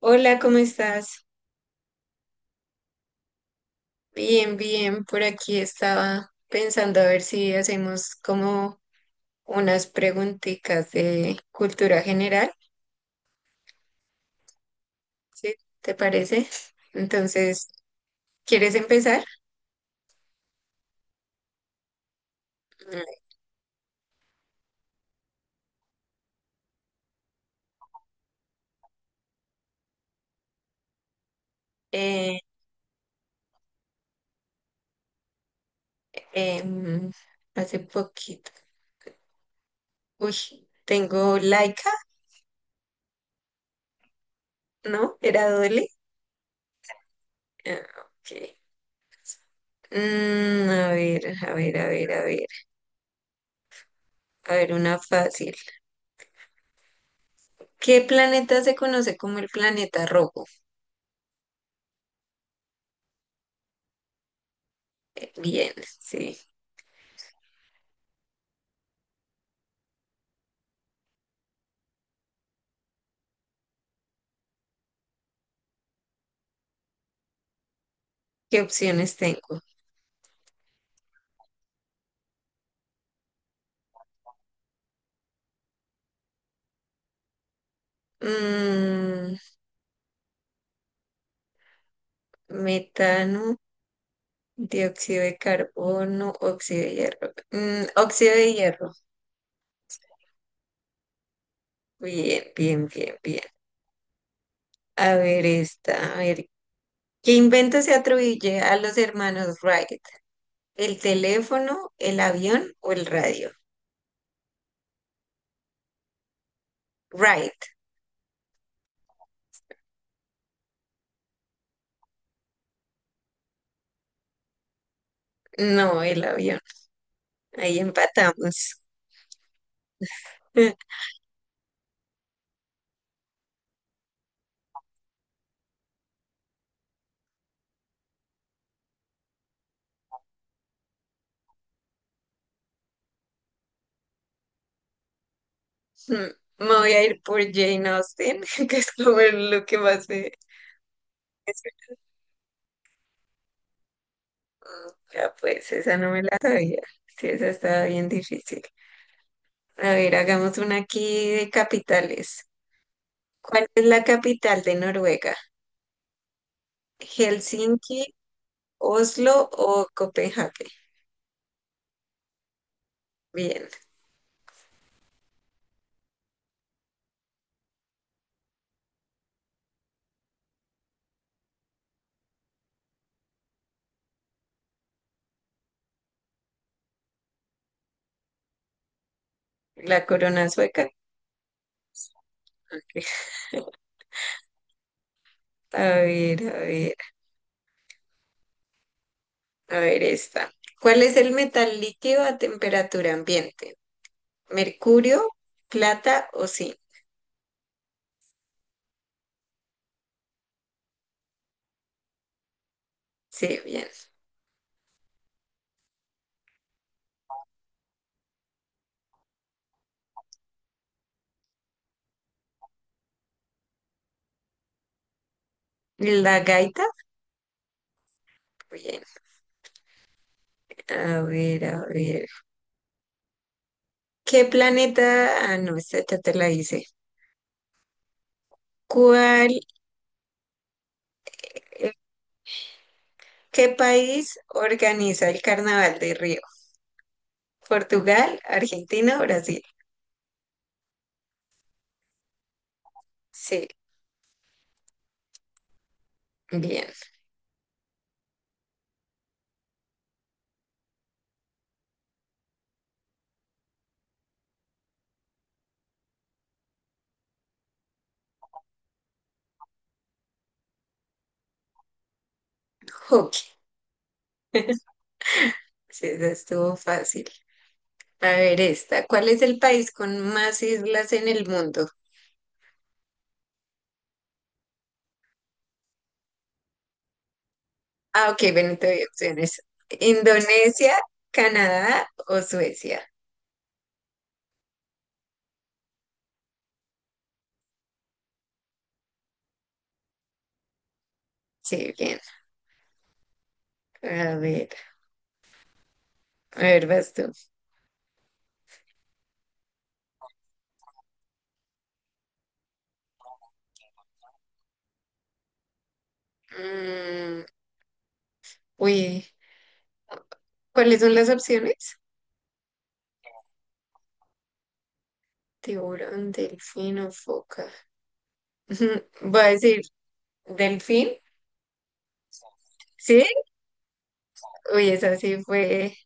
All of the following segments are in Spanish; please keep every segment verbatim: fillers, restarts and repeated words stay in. Hola, ¿cómo estás? Bien, bien. Por aquí estaba pensando a ver si hacemos como unas preguntitas de cultura general, ¿sí? ¿Te parece? Entonces, ¿quieres empezar? Eh, em, hace poquito. Uy, tengo Laika, ¿no? ¿Era Dole? Ah, ok. Mm, a ver, a ver, a ver, a ver. A ver, una fácil. ¿Qué planeta se conoce como el planeta rojo? Bien, sí. ¿Qué opciones tengo? Mm, metano, dióxido de carbono, óxido de hierro. Mm, óxido de hierro. Bien, bien, bien, bien. A ver esta, a ver. ¿Qué invento se atribuye a los hermanos Wright? ¿El teléfono, el avión o el radio? Wright. No, el avión. Ahí empatamos. Mm, Me voy a ir por Jane Austen, que es como lo que más sé. Ya pues, esa no me la sabía. Sí, esa estaba bien difícil. A ver, hagamos una aquí de capitales. ¿Cuál es la capital de Noruega? ¿Helsinki, Oslo o Copenhague? Bien, la corona sueca. A ver, a ver, a ver esta. ¿Cuál es el metal líquido a temperatura ambiente? ¿Mercurio, plata o zinc? Sí, bien. ¿La gaita? Bien. A ver, a ver. ¿Qué planeta? Ah, no, esta ya te la hice. ¿Cuál, eh, ¿qué país organiza el Carnaval de Río? ¿Portugal, Argentina o Brasil? Sí, bien. Hockey. Sí, esa estuvo fácil. A ver, esta. ¿Cuál es el país con más islas en el mundo? Ah, ok, bueno, te doy opciones. ¿Indonesia, Canadá o Suecia? Sí, bien. A ver, a ver, vas tú. Mm, uy, ¿cuáles son las opciones? Tiburón, delfín o foca. Voy a decir delfín, ¿sí? Uy, esa sí fue.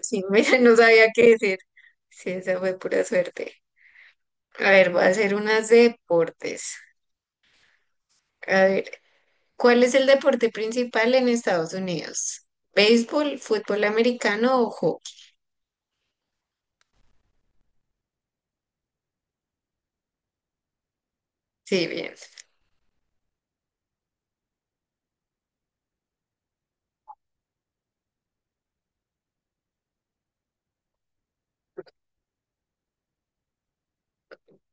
Sí, mira, no sabía qué decir. Sí, esa fue pura suerte. A ver, voy a hacer unas deportes. A ver, ¿cuál es el deporte principal en Estados Unidos? ¿Béisbol, fútbol americano o hockey? Sí, bien.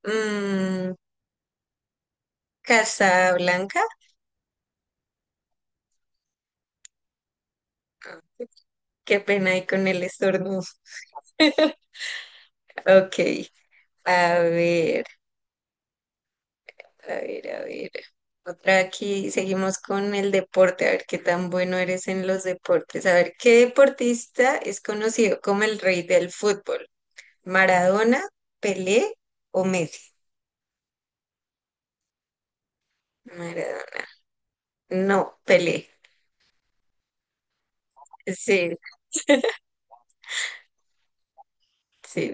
Mm, Casablanca. Qué pena ahí con el estornudo. Ok, a ver. A ver, a ver. Otra aquí, seguimos con el deporte, a ver qué tan bueno eres en los deportes. A ver, ¿qué deportista es conocido como el rey del fútbol? ¿Maradona, Pelé o Messi? Maradona. No, Pelé. Sí, sí.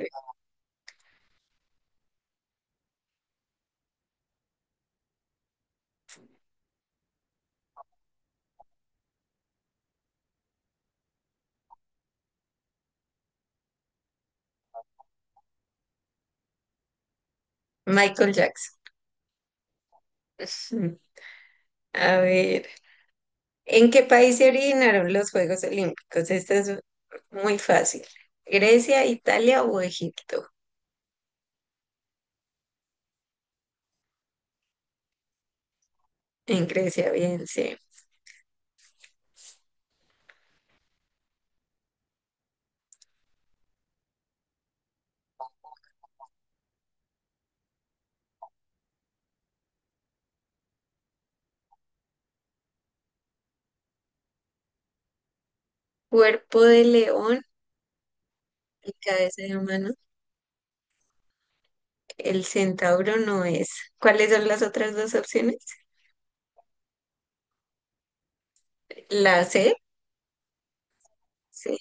Michael Jackson. A ver, ¿en qué país se originaron los Juegos Olímpicos? Esta es muy fácil. ¿Grecia, Italia o Egipto? En Grecia, bien, sí. Cuerpo de león y cabeza de humano. El centauro no es. ¿Cuáles son las otras dos opciones? La C, sí,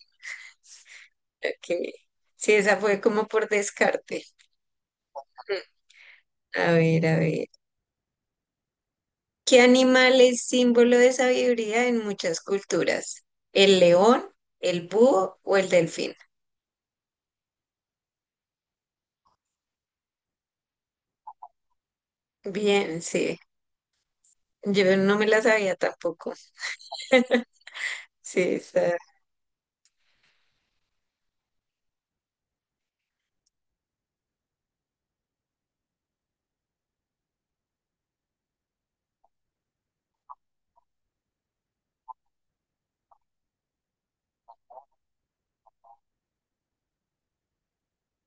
ok. Sí, esa fue como por descarte. Mm, A ver, a ver. ¿Qué animal es símbolo de sabiduría en muchas culturas? ¿El león, el búho o el delfín? Bien, sí. Yo no me la sabía tampoco. Sí, esa.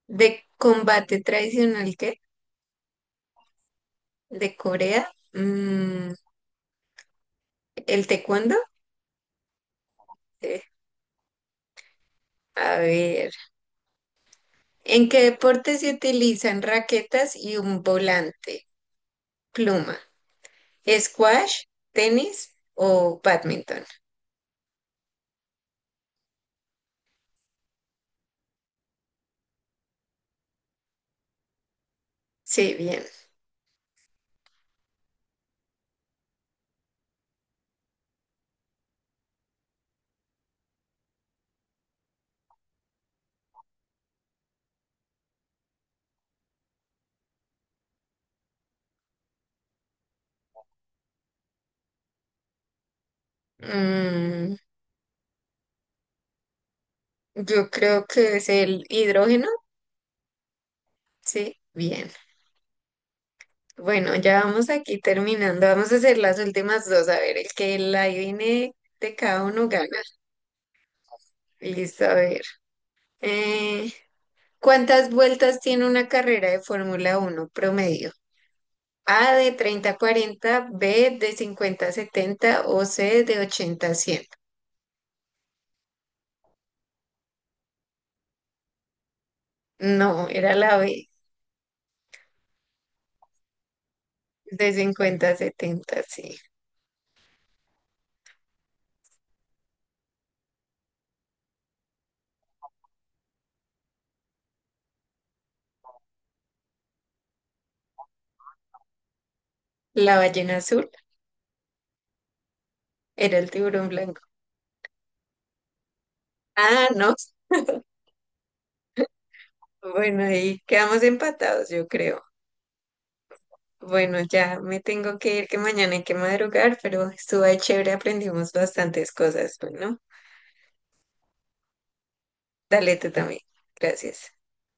¿De combate tradicional qué? ¿De Corea? Mm, ¿el taekwondo? Sí. A ver. ¿En qué deporte se utilizan raquetas y un volante? Pluma. ¿Squash, tenis o badminton? Sí, bien. Mm, yo creo que es el hidrógeno. Sí, bien. Bueno, ya vamos aquí terminando. Vamos a hacer las últimas dos. A ver, el que la adivine de cada uno gana. Listo, a ver. Eh, ¿cuántas vueltas tiene una carrera de Fórmula uno promedio? A de treinta a cuarenta, B de cincuenta a setenta, o C de ochenta a cien. No, era la B de cincuenta a setenta. Sí. La ballena azul era el tiburón blanco. Ah, no. Bueno, ahí quedamos empatados, yo creo. Bueno, ya me tengo que ir, que mañana hay que madrugar, pero estuvo ahí chévere, aprendimos bastantes cosas. Bueno, dale tú también. Gracias.